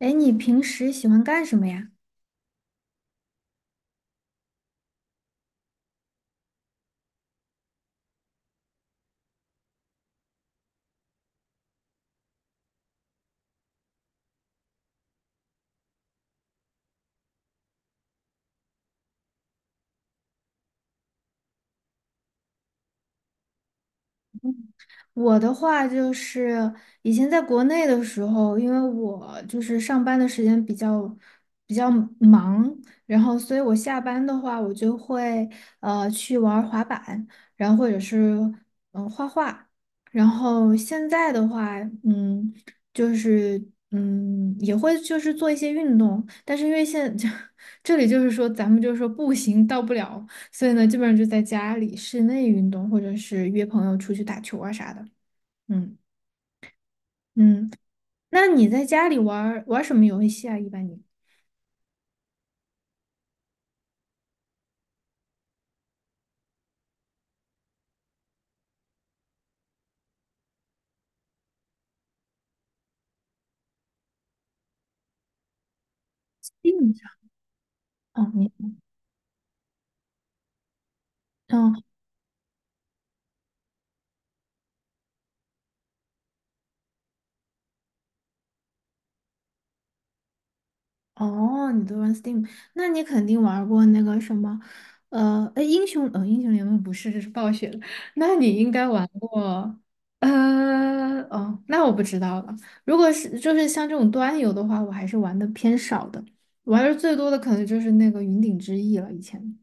哎，你平时喜欢干什么呀？我的话就是以前在国内的时候，因为我就是上班的时间比较忙。然后所以我下班的话，我就会去玩儿滑板，然后或者是画画。然后现在的话，嗯，就是也会就是做一些运动，但是因为这里就是说咱们就是说步行到不了。所以呢，基本上就在家里室内运动，或者是约朋友出去打球啊啥的。嗯。嗯，那你在家里玩儿玩儿什么游戏啊？一般你？Steam 上。哦，你。哦哦，你都玩 Steam。那你肯定玩过那个什么，哎，英雄，英雄联盟不是，这是暴雪的。那你应该玩过。哦，那我不知道了。如果是就是像这种端游的话，我还是玩的偏少的，玩的最多的可能就是那个云顶之弈了，以前。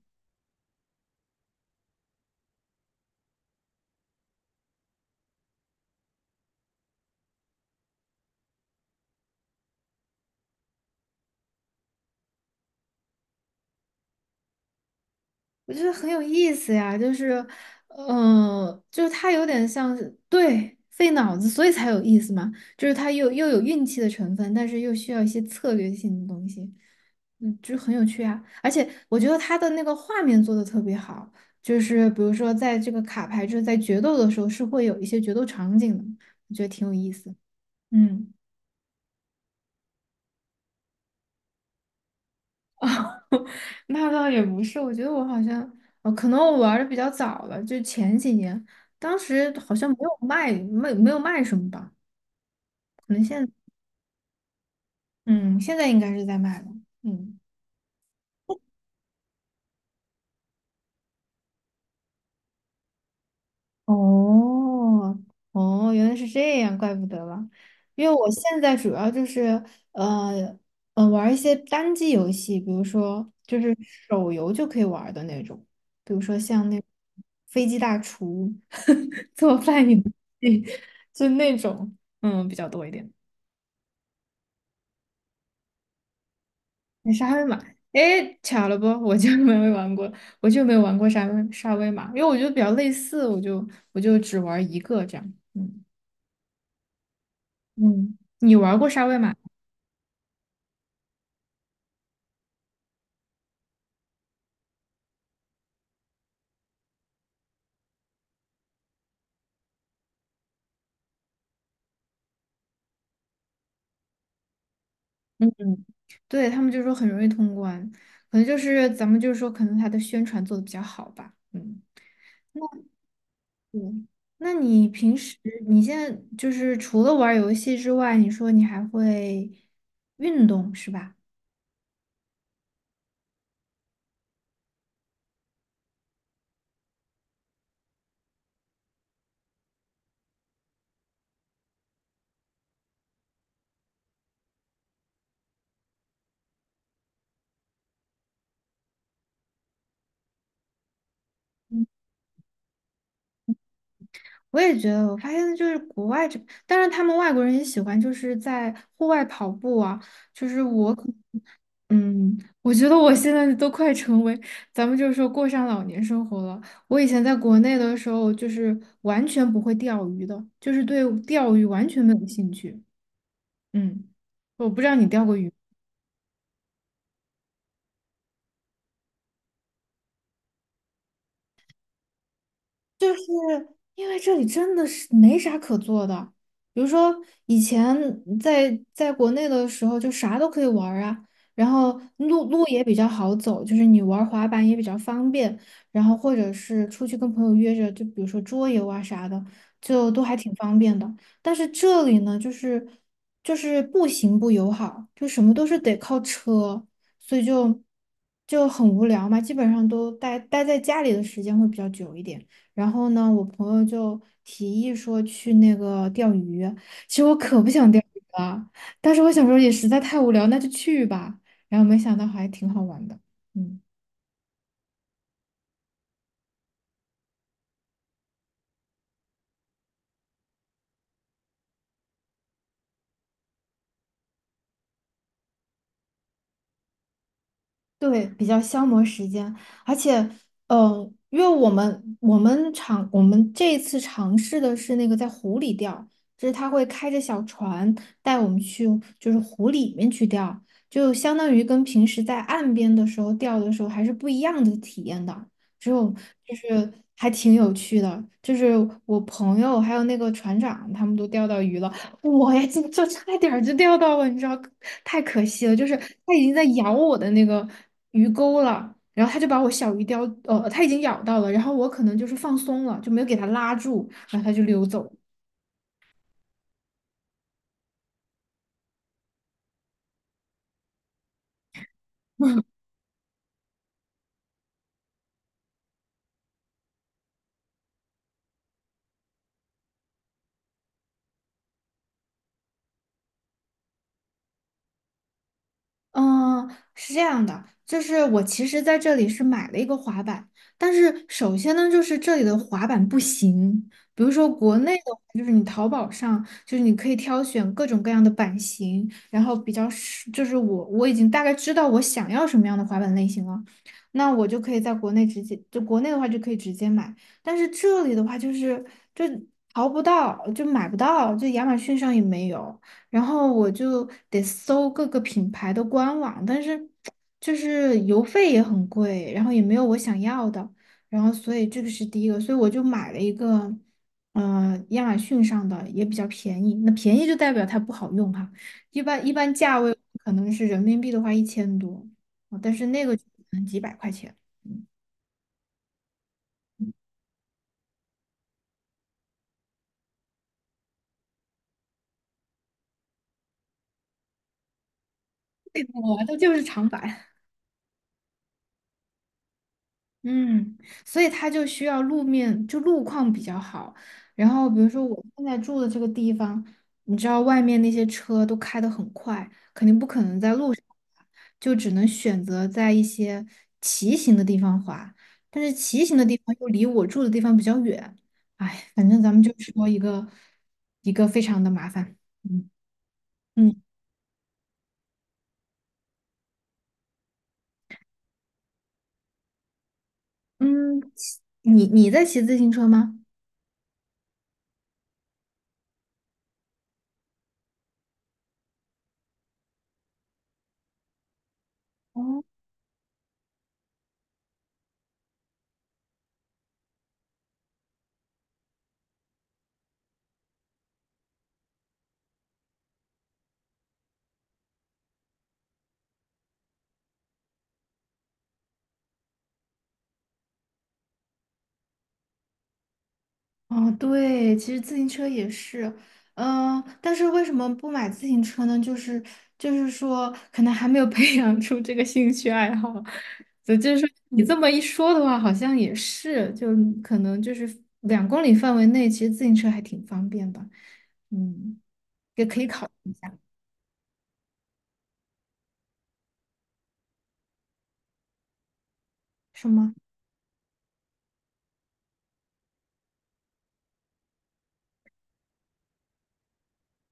我觉得很有意思呀，就是，就是它有点像是对费脑子，所以才有意思嘛，就是它又有运气的成分，但是又需要一些策略性的东西。嗯，就很有趣啊。而且我觉得它的那个画面做的特别好，就是比如说在这个卡牌就是在决斗的时候是会有一些决斗场景的，我觉得挺有意思。嗯。那倒也不是，我觉得我好像，可能我玩的比较早了，就前几年。当时好像没有卖，没有卖什么吧，可能现，嗯，现在应该是在卖了。嗯。哦。哦，原来是这样，怪不得了。因为我现在主要就是呃玩一些单机游戏，比如说就是手游就可以玩儿的那种，比如说像那飞机大厨 做饭游戏，就那种嗯比较多一点。那沙威玛，哎，巧了不，我就没有玩过。我就没有玩过沙威玛，因为我觉得比较类似，我就只玩一个这样。嗯。嗯，你玩过沙威玛？嗯嗯，对，他们就说很容易通关，可能就是咱们就是说，可能它的宣传做的比较好吧。嗯，对。那你平时你现在就是除了玩游戏之外，你说你还会运动是吧？我也觉得，我发现就是国外这，当然他们外国人也喜欢就是在户外跑步啊，就是我可。嗯，我觉得我现在都快成为，咱们就是说过上老年生活了。我以前在国内的时候，就是完全不会钓鱼的，就是对钓鱼完全没有兴趣。嗯，我不知道你钓过鱼。因为这里真的是没啥可做的，比如说以前在国内的时候，就啥都可以玩儿啊，然后路也比较好走，就是你玩滑板也比较方便，然后或者是出去跟朋友约着，就比如说桌游啊啥的，就都还挺方便的。但是这里呢，就是步行不友好，就什么都是得靠车，所以就很无聊嘛，基本上都待在家里的时间会比较久一点。然后呢，我朋友就提议说去那个钓鱼，其实我可不想钓鱼了，但是我小时候也实在太无聊，那就去吧。然后没想到还挺好玩的。嗯。对，比较消磨时间。而且，因为我们这一次尝试的是那个在湖里钓，就是他会开着小船带我们去，就是湖里面去钓，就相当于跟平时在岸边的时候钓的时候还是不一样的体验的，只有就是还挺有趣的。就是我朋友还有那个船长他们都钓到鱼了，我呀，就差点儿就钓到了，你知道，太可惜了。就是它已经在咬我的那个鱼钩了，然后它就把我小鱼叼，它已经咬到了，然后我可能就是放松了，就没有给它拉住，然后它就溜走了。嗯，是这样的，就是我其实在这里是买了一个滑板。但是首先呢，就是这里的滑板不行。比如说国内的话，就是你淘宝上，就是你可以挑选各种各样的版型，然后比较是，就是我已经大概知道我想要什么样的滑板类型了，那我就可以在国内直接，就国内的话就可以直接买。但是这里的话就是就淘不到，就买不到，就亚马逊上也没有。然后我就得搜各个品牌的官网，但是就是邮费也很贵，然后也没有我想要的。然后所以这个是第一个，所以我就买了一个。亚马逊上的也比较便宜，那便宜就代表它不好用哈。一般价位可能是人民币的话1000多，啊但是那个就可能几百块钱。我的就是长板。嗯，所以它就需要路面，就路况比较好。然后，比如说我现在住的这个地方，你知道外面那些车都开得很快，肯定不可能在路上滑，就只能选择在一些骑行的地方滑。但是骑行的地方又离我住的地方比较远，哎，反正咱们就说一个非常的麻烦。嗯。嗯嗯骑你在骑自行车吗？哦。哦，对，其实自行车也是。但是为什么不买自行车呢？就是就是说，可能还没有培 养出这个兴趣爱好。所以就是说，你这么一说的话，好像也是，就可能就是2公里范围内，其实自行车还挺方便吧。嗯，也可以考，是吗？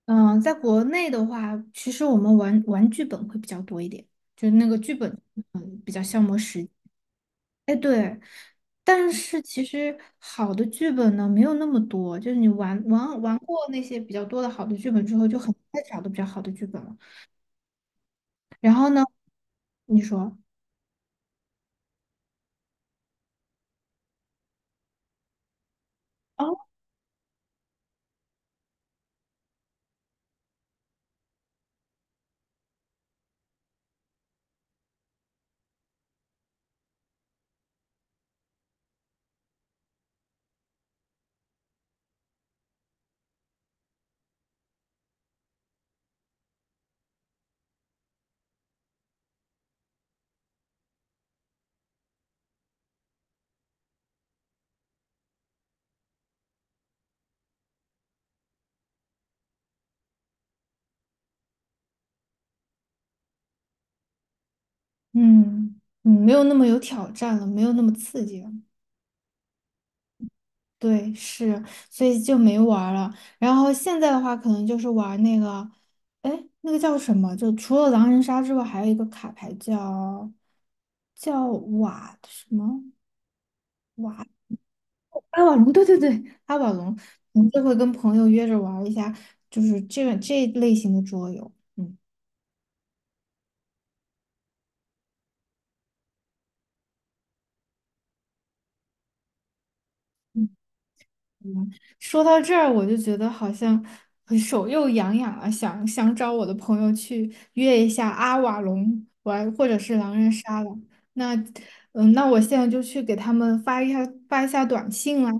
嗯、在国内的话，其实我们玩剧本会比较多一点，就是那个剧本。嗯，比较消磨时。哎，对，但是其实好的剧本呢没有那么多，就是你玩过那些比较多的好的剧本之后，就很快找到比较好的剧本了。然后呢，你说，哦。嗯嗯，没有那么有挑战了，没有那么刺激了。对，是，所以就没玩儿了。然后现在的话，可能就是玩那个，哎，那个叫什么？就除了狼人杀之外，还有一个卡牌叫瓦什么？阿瓦隆，对对对，阿瓦隆，我们这回跟朋友约着玩儿一下，就是这一类型的桌游。嗯。嗯，说到这儿，我就觉得好像手又痒痒了，想找我的朋友去约一下阿瓦隆玩，或者是狼人杀了。那嗯，那我现在就去给他们发一下短信啦。